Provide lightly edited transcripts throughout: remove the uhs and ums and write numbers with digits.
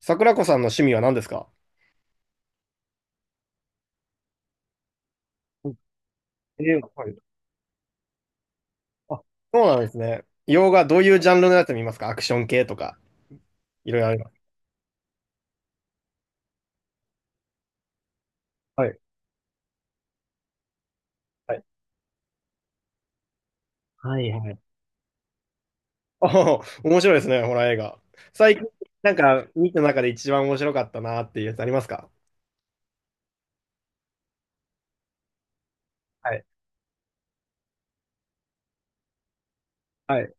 桜子さんの趣味は何ですか？映画、はい。あ、そうなんですね。洋画、どういうジャンルのやつ見ますか？アクション系とか、いろいろあります。はい。はい。はいはい。あ、面白いですね、ホラー映画。最近、なんか、見た中で一番面白かったなっていうやつありますか？はい。はい。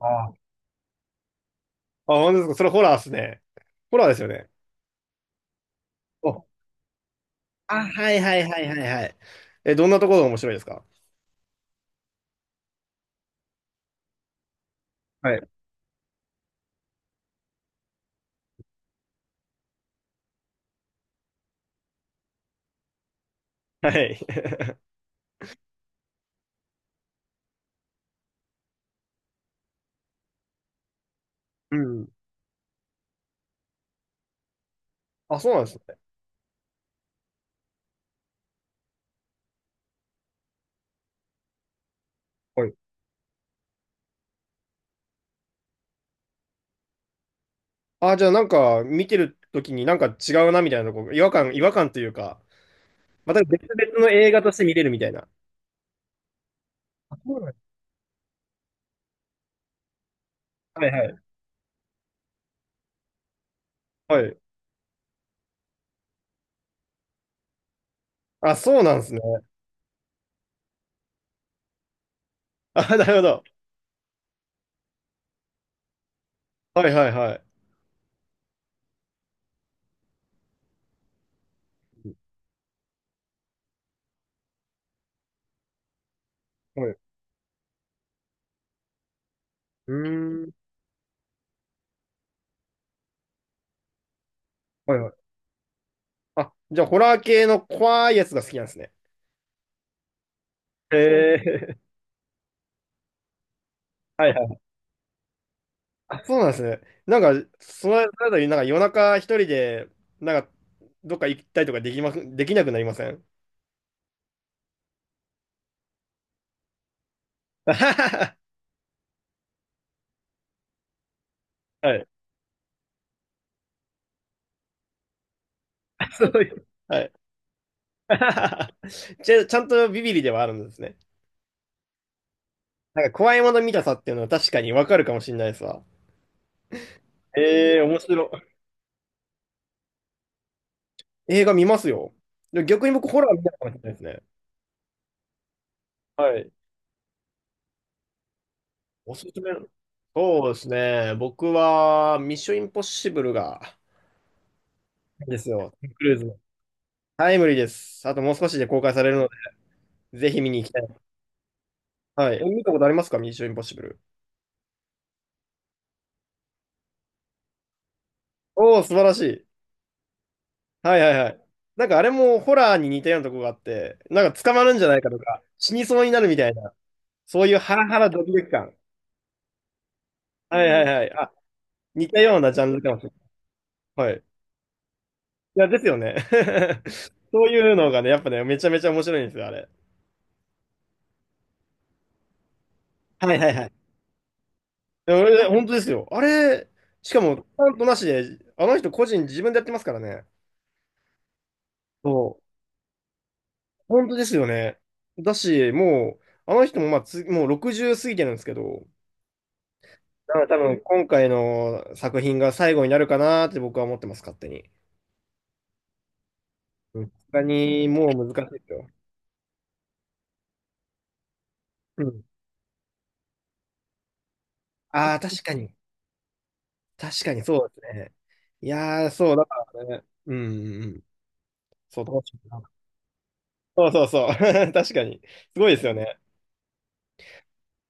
ああ。あ、本当ですか？それホラーですね。ホラーですよね。お、あ、はいはいはいはいはい。え、どんなところが面白いですか？はい。はい。うん。あ、そうなんですね。ああ、じゃあなんか見てる時になんか違うなみたいなとこ、違和感というか、また別々の映画として見れるみたいな。あそうなんですか？はいはい。はい。あ、そうなんですね。あ、なるほど。はいはいはい。はい。うーん。はいはい。あ、じゃあホラー系の怖いやつが好きなんですね。へえ。はいはい。あ、そうなんですね。なんか、その間になんか夜中一人で、なんか、どっか行ったりとかできなくなりません？ はい。そういう。はい。ちゃんとビビリではあるんですね。なんか怖いもの見たさっていうのは確かにわかるかもしれないですわ。ええー面白い。映画見ますよ。でも逆に僕、ホラー見たかもしれないですね。はい。おすすめ。そうですね。僕は、ミッションインポッシブルが、ですよ。トムクルーズの。タイムリーです。あともう少しで公開されるので、ぜひ見に行きたい。はい。え見たことありますか？ミッションインポッシブル。おお、素晴らしい。はいはいはい。なんかあれもホラーに似たようなとこがあって、なんか捕まるんじゃないかとか、死にそうになるみたいな、そういうハラハラドキドキ感。はいはいはい。あ、似たようなジャンルかもしれない。はい。いや、ですよね。そういうのがね、やっぱね、めちゃめちゃ面白いんですよ、あれ。はいはいはい。で俺、本当ですよ。あれ、しかも、ちゃんとなしで、あの人個人自分でやってますからね。そう。本当ですよね。だし、もう、あの人もまあつ、もう60過ぎてるんですけど、なので多分今回の作品が最後になるかなって僕は思ってます、勝手に。うん、他にもう難しいですよ。うん。ああ、確かに。確かにそうですね。いやー、そう、だからね。うんうんうん。そう、楽しみだな。そうそうそう。確かに。すごいですよね。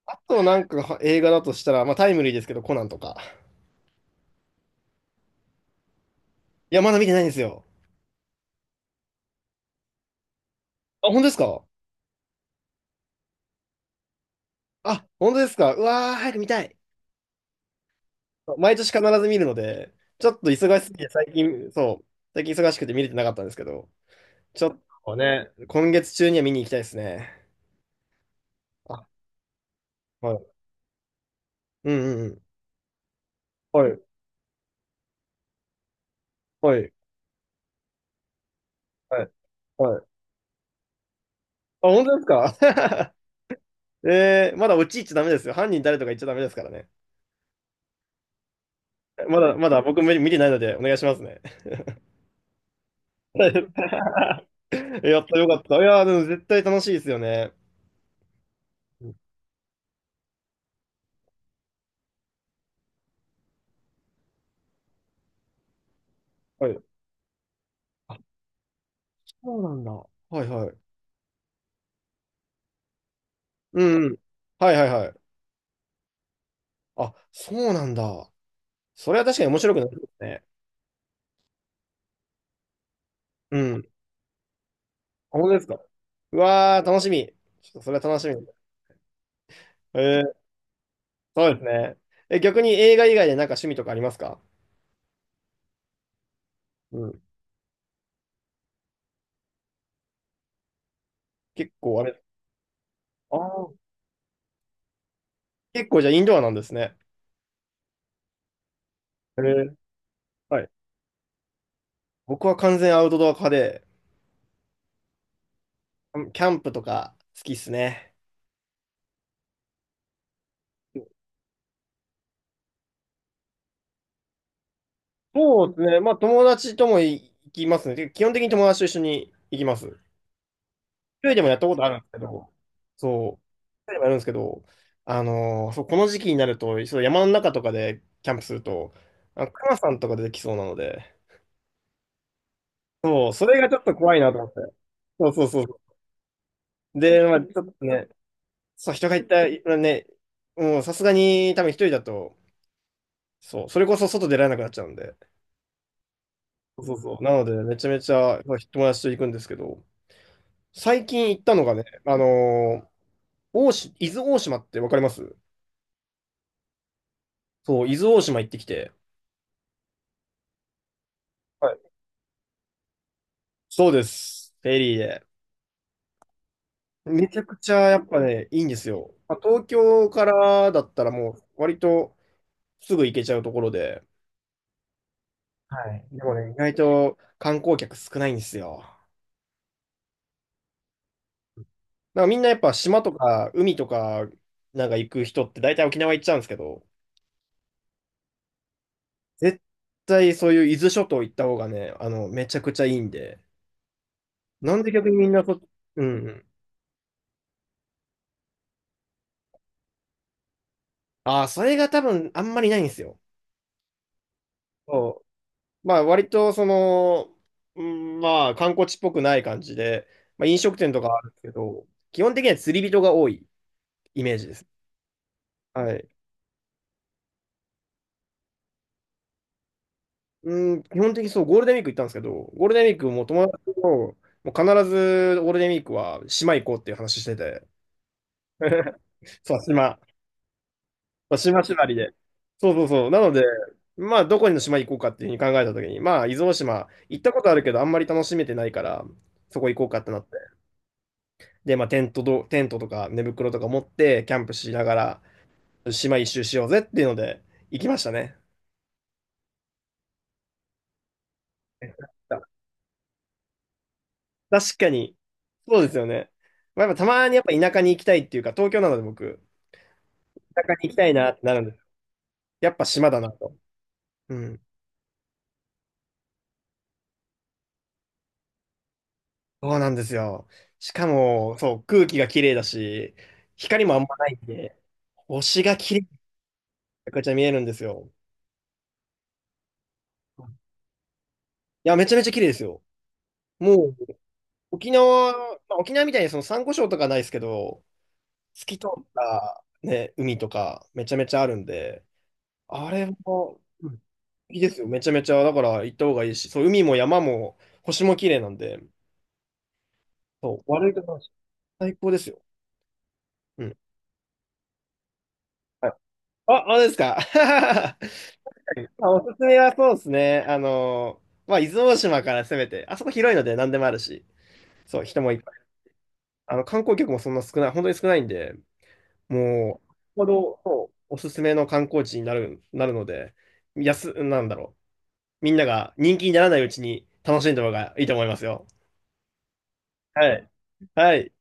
あとなんかは映画だとしたら、まあタイムリーですけど、コナンとか。いや、まだ見てないんですよ。あ、本当ですか？あ、本当ですか？うわー、早く見たい。毎年必ず見るので、ちょっと忙しすぎて最近、そう、最近忙しくて見れてなかったんですけど。ちょっとね、今月中には見に行きたいですね。あ、はい。うんうんうん。はい、はい、はい、はい。あ、本当ですか？ えー、まだ落ち入っちゃダメですよ。犯人誰とか言っちゃダメですからね。まだ、まだ僕見てないのでお願いしますね。やったよかった。いやー、でも絶対楽しいですよね。はい。あ、そうなんだ。はいはい。うんうん。はいはいはい。あ、そうなんだ。それは確かに面白くなるですね。うん。あ、本当ですか。うわー、楽しみ。ちょっとそれは楽しみ。えー、そうですね。え、逆に映画以外でなんか趣味とかありますか？うん。結構あれ、あー結構じゃあインドアなんですね。えー、はい。僕は完全アウトドア派で、キャンプとか好きっすね。そうですね。まあ友達とも行きますね。てか基本的に友達と一緒に行きます。一人でもやったことあるんですけど、そう。一人でもやるんですけど、そう、この時期になると、そう、山の中とかでキャンプすると、あの、熊さんとか出てきそうなので、そう、それがちょっと怖いなと思って。そうそうそうそう。で、まあ、ちょっとね、そう、人がいたらね、もうさすがに多分一人だと、そう、それこそ外出られなくなっちゃうんで。そうそうそう。なので、めちゃめちゃまあ友達と行くんですけど、最近行ったのがね、ー大島、伊豆大島ってわかりますそう、伊豆大島行ってきて。はい、そうです。フェリーで。めちゃくちゃやっぱね、いいんですよ。まあ、東京からだったらもう割とすぐ行けちゃうところで、はい。でもね、意外と観光客少ないんですよ。なんかみんなやっぱ島とか海とかなんか行く人って大体沖縄行っちゃうんですけど、絶対そういう伊豆諸島行った方がね、あの、めちゃくちゃいいんで、なんで逆にみんなそ、うんうん。ああ、それが多分あんまりないんですよ。そう。まあ割とその、うん、まあ観光地っぽくない感じで、まあ飲食店とかあるんですけど、基本的には釣り人が多いイメージです。はい。うん、基本的にそう、ゴールデンウィーク行ったんですけど、ゴールデンウィークも友達と、もう必ずゴールデンウィークは島行こうっていう話してて。そう、島。そう島縛りで。そうそうそう。なので、まあ、どこにの島行こうかっていうふうに考えたときに、まあ、伊豆大島、行ったことあるけど、あんまり楽しめてないから、そこ行こうかってなって。で、まあ、テントとか寝袋とか持って、キャンプしながら、島一周しようぜっていうので、行きましたね。確かに。そうですよね。まあ、やっぱたまにやっぱ田舎に行きたいっていうか、東京なので僕、田舎に行きたいなってなるんです。やっぱ島だなと。うん。そうなんですよ。しかも、そう、空気が綺麗だし、光もあんまないんで、星が綺麗にめちゃくちゃ見えるんですよ。いや、めちゃめちゃ綺麗ですよ。もう、沖縄、まあ、沖縄みたいにその珊瑚礁とかないですけど、透き通った、ね、海とかめちゃめちゃあるんで、あれもうん、いいですよ。めちゃめちゃ、だから行った方がいいし、そう、海も山も星も綺麗なんで、そう、悪いとこなし。最高ですよ。うん。はい。あ、あれですか。まあおすすめはそうですね。あの、まあ、伊豆大島から攻めて、あそこ広いので何でもあるし、そう、人もいっぱい。あの、観光客もそんな少ない、本当に少ないんで、もう、ほど、そうおすすめの観光地になるので、安、なんだろう。みんなが人気にならないうちに楽しんだ方がいいと思いますよ。はい。はい。